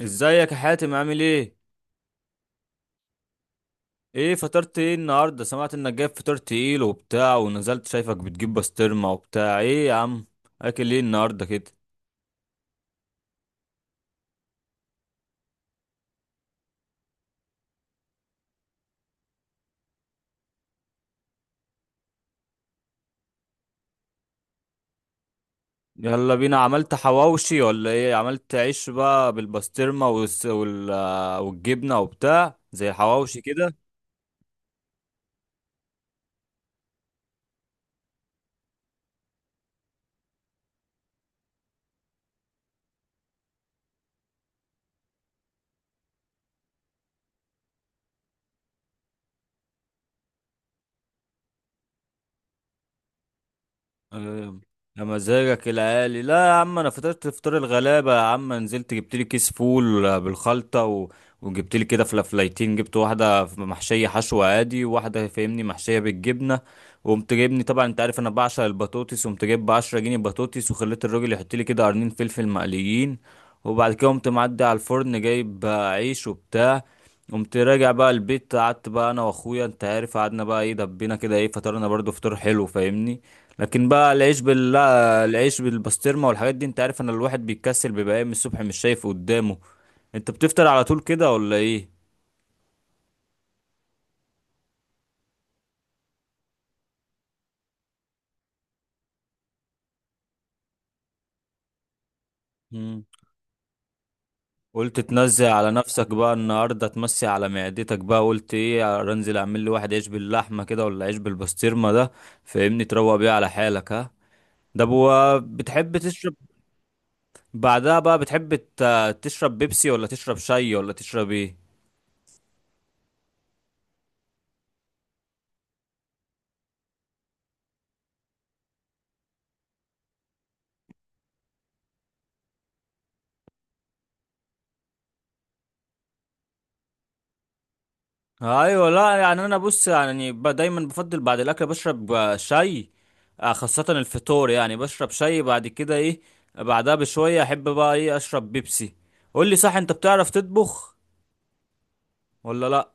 ازيك يا حاتم عامل ايه؟ ايه فطرت ايه النهارده؟ سمعت انك جايب فطار تقيل وبتاع ونزلت شايفك بتجيب بسطرمه وبتاع، ايه يا عم اكل ايه النهارده كده؟ يلا بينا، عملت حواوشي ولا ايه؟ عملت عيش بقى بالبسطرمه والجبنه وبتاع زي الحواوشي كده. آه، يا مزاجك العالي، لا يا عم، انا فطرت فطار الغلابه يا عم، نزلت جبت لي كيس فول بالخلطه وجبت لي كده فلافلايتين، جبت واحده محشيه حشو عادي وواحده فاهمني محشيه بالجبنه، وقمت جايبني طبعا انت عارف انا بعشق البطاطس، وقمت جايب ب 10 جنيه بطاطس وخليت الراجل يحط لي كده قرنين فلفل مقليين، وبعد كده قمت معدي على الفرن جايب عيش وبتاع، قمت راجع بقى البيت، قعدت بقى انا واخويا انت عارف، قعدنا بقى ايه دبينا كده، ايه فطرنا برضو فطار حلو فاهمني، لكن بقى العيش بال لا، العيش بالبسطرمه والحاجات دي انت عارف ان الواحد بيتكسل، بيبقى قايم الصبح مش شايف قدامه. انت بتفطر على طول كده ولا ايه؟ مم. قلت تنزل على نفسك بقى النهارده، تمسي على معدتك بقى، قلت ايه انزل اعمل لي واحد عيش باللحمه كده ولا عيش بالبسطرمه ده فاهمني، تروق بيه على حالك، ها. ده بتحب تشرب بعدها بقى؟ بتحب تشرب بيبسي ولا تشرب شاي ولا تشرب ايه؟ ايوه، لا يعني انا بص يعني دايما بفضل بعد الاكل بشرب شاي، خاصة الفطور يعني بشرب شاي بعد كده ايه، بعدها بشوية احب بقى ايه اشرب بيبسي. قول لي صح، انت بتعرف تطبخ ولا لا؟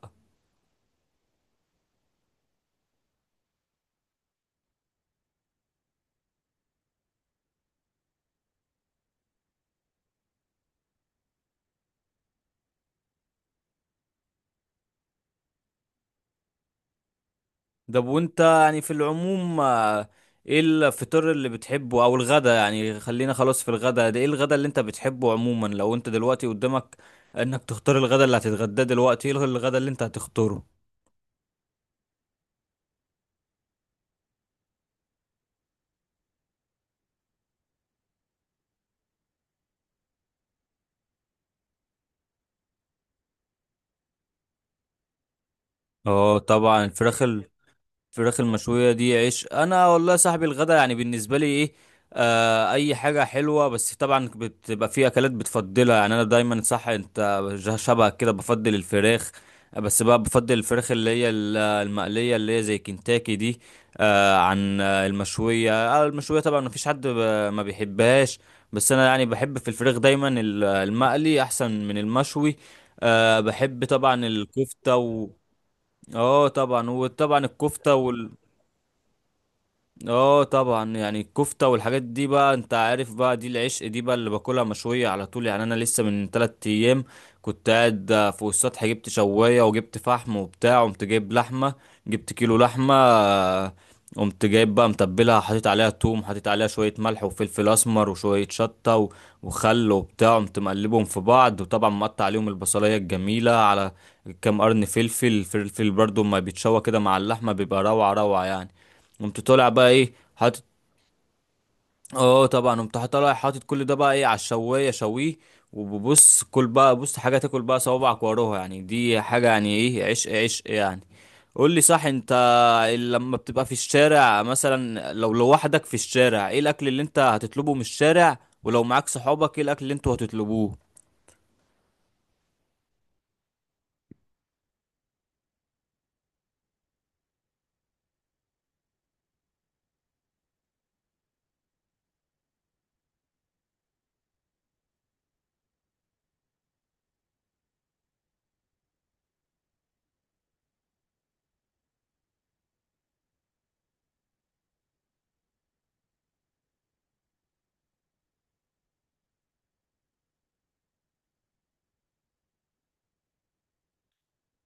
ده وانت يعني في العموم ايه الفطور اللي بتحبه او الغدا؟ يعني خلينا خلاص في الغدا ده، ايه الغدا اللي انت بتحبه عموما؟ لو انت دلوقتي قدامك انك تختار الغدا اللي هتتغداه دلوقتي، ايه الغدا اللي انت هتختاره؟ اه طبعا الفراخ، الفراخ المشوية دي عيش. انا والله يا صاحبي الغدا يعني بالنسبة لي ايه، آه اي حاجة حلوة، بس طبعا بتبقى في اكلات بتفضلها يعني انا دايما، صح انت شبهك كده بفضل الفراخ، بس بقى بفضل الفراخ اللي هي المقلية اللي هي زي كنتاكي دي، آه عن المشوية، آه المشوية طبعا مفيش حد ما بيحبهاش، بس انا يعني بحب في الفراخ دايما المقلي احسن من المشوي. آه بحب طبعا الكفتة و اه طبعا وطبعا الكفتة، اه طبعا يعني الكفتة والحاجات دي بقى انت عارف بقى دي العشق دي بقى اللي باكلها مشوية على طول. يعني انا لسه من تلات ايام كنت قاعد فوق السطح، جبت شواية وجبت فحم وبتاع، قمت جايب لحمة، جبت كيلو لحمة قمت جايب بقى متبلها، حطيت عليها توم، حطيت عليها شوية ملح وفلفل اسمر وشوية شطة وخل وبتاع، قمت مقلبهم في بعض، وطبعا مقطع عليهم البصلية الجميلة على كام قرن فلفل، الفلفل برضو ما بيتشوى كده مع اللحمة بيبقى روعة روعة يعني. قمت طالع بقى ايه حاطط، اه طبعا قمت طالع حاطط كل ده بقى ايه على الشوايه شويه، وببص كل بقى بص حاجه تاكل بقى صوابعك وراها يعني، دي حاجه يعني ايه، عشق عشق يعني. قول لي صح انت، لما بتبقى في الشارع مثلا، لو لوحدك في الشارع ايه الاكل اللي انت هتطلبه من الشارع؟ ولو معاك صحابك ايه الاكل اللي انتوا هتطلبوه؟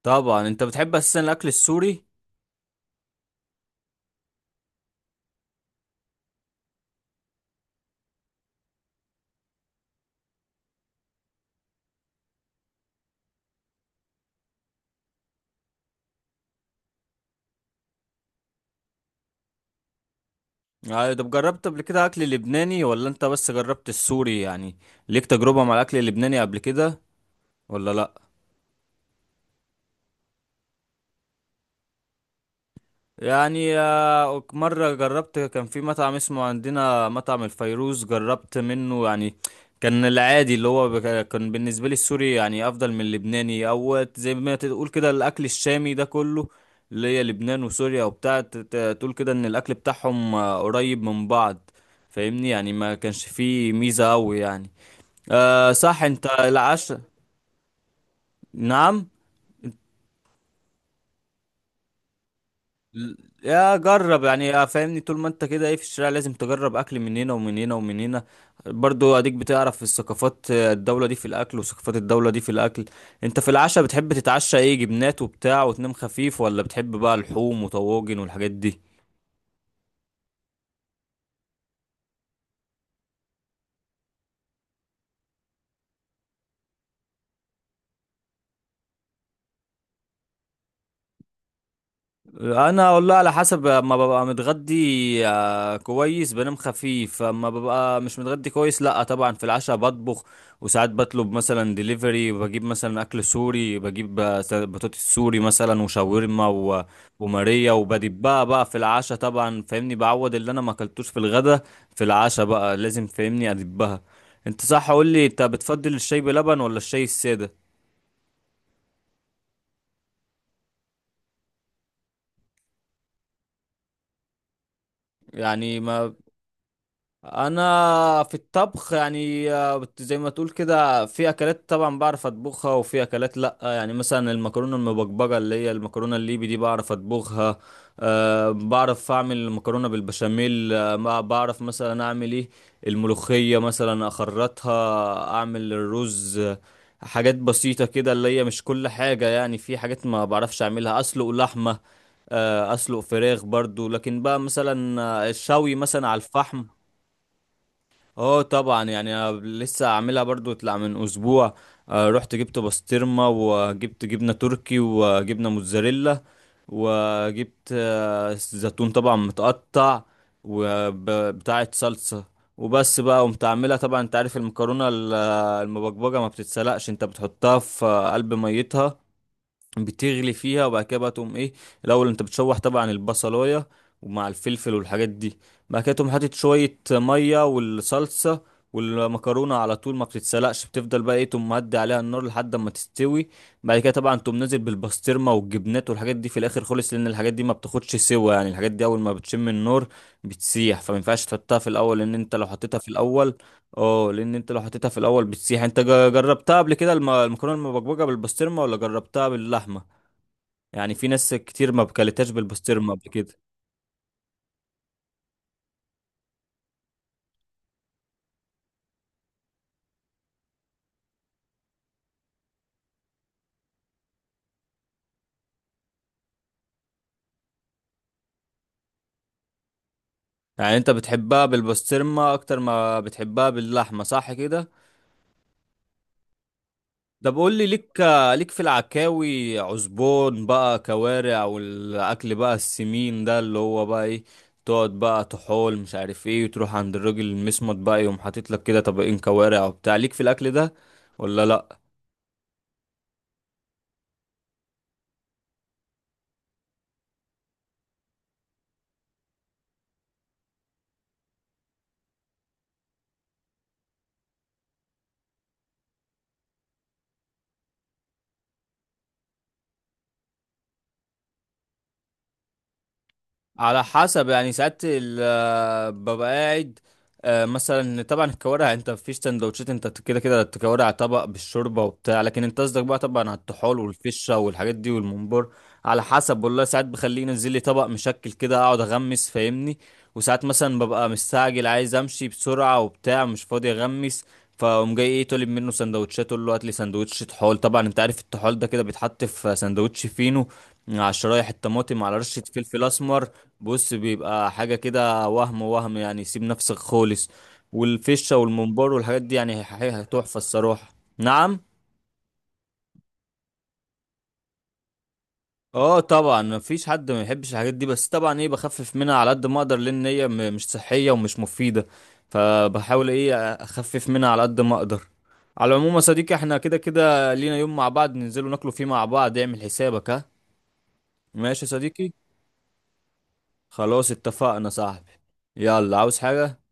طبعا انت بتحب اساسا الاكل السوري يعني؟ طب جربت قبل كده اكل لبناني ولا انت بس جربت السوري يعني؟ ليك تجربة مع الاكل اللبناني قبل كده ولا لا؟ يعني مرة جربت، كان في مطعم اسمه عندنا مطعم الفيروز، جربت منه يعني، كان العادي اللي هو كان بالنسبة لي السوري يعني أفضل من اللبناني، أو زي ما تقول كده الأكل الشامي ده كله، اللي هي لبنان وسوريا وبتاع، تقول كده إن الأكل بتاعهم قريب من بعض فاهمني، يعني ما كانش فيه ميزة أوي يعني. أه صح، أنت العشاء؟ نعم. ل- يا جرب يعني، يا فاهمني طول ما انت كده ايه في الشارع لازم تجرب اكل من هنا ومن هنا ومن هنا، برضو اديك بتعرف الثقافات الدولة دي في الاكل، وثقافات الدولة دي في الاكل. انت في العشاء بتحب تتعشى ايه؟ جبنات وبتاع وتنام خفيف، ولا بتحب بقى اللحوم وطواجن والحاجات دي؟ انا والله على حسب، ما ببقى متغدي كويس بنام خفيف، اما ببقى مش متغدي كويس لا طبعا في العشاء بطبخ، وساعات بطلب مثلا ديليفري، بجيب مثلا اكل سوري، بجيب بطاطس سوري مثلا وشاورما وماريا وبدبها بقى في العشاء طبعا فاهمني، بعوض اللي انا ما اكلتوش في الغدا في العشاء بقى لازم فاهمني ادبها. انت صح قول لي، انت بتفضل الشاي بلبن ولا الشاي الساده؟ يعني ما انا في الطبخ يعني زي ما تقول كده في اكلات طبعا بعرف اطبخها وفي اكلات لا، يعني مثلا المكرونه المبكبجه اللي هي المكرونه الليبي دي بعرف اطبخها، أه بعرف اعمل مكرونه بالبشاميل، أه ما بعرف مثلا اعمل ايه الملوخيه مثلا اخرطها، اعمل الرز حاجات بسيطه كده اللي هي مش كل حاجه، يعني في حاجات ما بعرفش اعملها، اسلق لحمه اسلق فراخ برضو، لكن بقى مثلا الشوي مثلا على الفحم. اه طبعا يعني أنا لسه عاملها برضو طلع من اسبوع، رحت جبت بسطرمه وجبت جبنه تركي وجبنه موتزاريلا، وجبت زيتون طبعا متقطع، وبتاعه صلصه، وبس بقى قمت عاملها، طبعا انت عارف المكرونه المبكبجه ما بتتسلقش، انت بتحطها في قلب ميتها بتغلي فيها، وبعد كده بقى تقوم ايه الاول انت بتشوح طبعا البصلايه ومع الفلفل والحاجات دي، بعد كده تقوم حاطط شويه ميه والصلصه والمكرونه، على طول ما بتتسلقش بتفضل بقى ايه تقوم مهدي عليها النار لحد ما تستوي، بعد كده طبعا تقوم نازل بالبسطرمه والجبنات والحاجات دي في الاخر خالص، لان الحاجات دي ما بتاخدش سوا، يعني الحاجات دي اول ما بتشم النار بتسيح، فما ينفعش تحطها في الاول، لان انت لو حطيتها في الاول اه لان انت لو حطيتها في الاول بتسيح. انت جربتها قبل كده المكرونه المبكبجه بالبسطرمه ولا جربتها باللحمه؟ يعني في ناس كتير ما بكلتهاش بالبسطرمه قبل كده. يعني انت بتحبها بالبسطرمه اكتر ما بتحبها باللحمه صح كده؟ طب قول لي، ليك في العكاوي، عزبون بقى كوارع والاكل بقى السمين ده اللي هو بقى ايه، تقعد بقى تحول مش عارف ايه وتروح عند الراجل المسمط بقى يقوم حاطط لك كده طبقين كوارع وبتاع، ليك في الاكل ده ولا لا؟ على حسب يعني ساعات ببقى قاعد، مثلا طبعا الكوارع انت مفيش سندوتشات، انت كده كده تكوارع طبق بالشوربه وبتاع، لكن انت قصدك بقى طبعا على الطحال والفشه والحاجات دي والممبار، على حسب والله، ساعات بخليه ينزل لي طبق مشكل كده اقعد اغمس فاهمني، وساعات مثلا ببقى مستعجل عايز امشي بسرعه وبتاع مش فاضي اغمس، فقوم جاي ايه طالب منه سندوتشات، اقول له هات لي سندوتش طحال، طبعا انت عارف الطحال ده كده بيتحط في سندوتش فينو مع شرايح الطماطم على رشه فلفل اسمر، بص بيبقى حاجة كده وهم وهم يعني، سيب نفسك خالص، والفشة والممبار والحاجات دي يعني هتحفة الصراحة. نعم. اه طبعا مفيش حد ما يحبش الحاجات دي، بس طبعا ايه بخفف منها على قد ما اقدر، لان هي مش صحية ومش مفيدة، فبحاول ايه اخفف منها على قد ما اقدر. على العموم يا صديقي احنا كده كده لينا يوم مع بعض ننزلوا ناكلوا فيه مع بعض، اعمل حسابك، ها. ماشي يا صديقي، خلاص اتفقنا صاحبي. يلا عاوز حاجة؟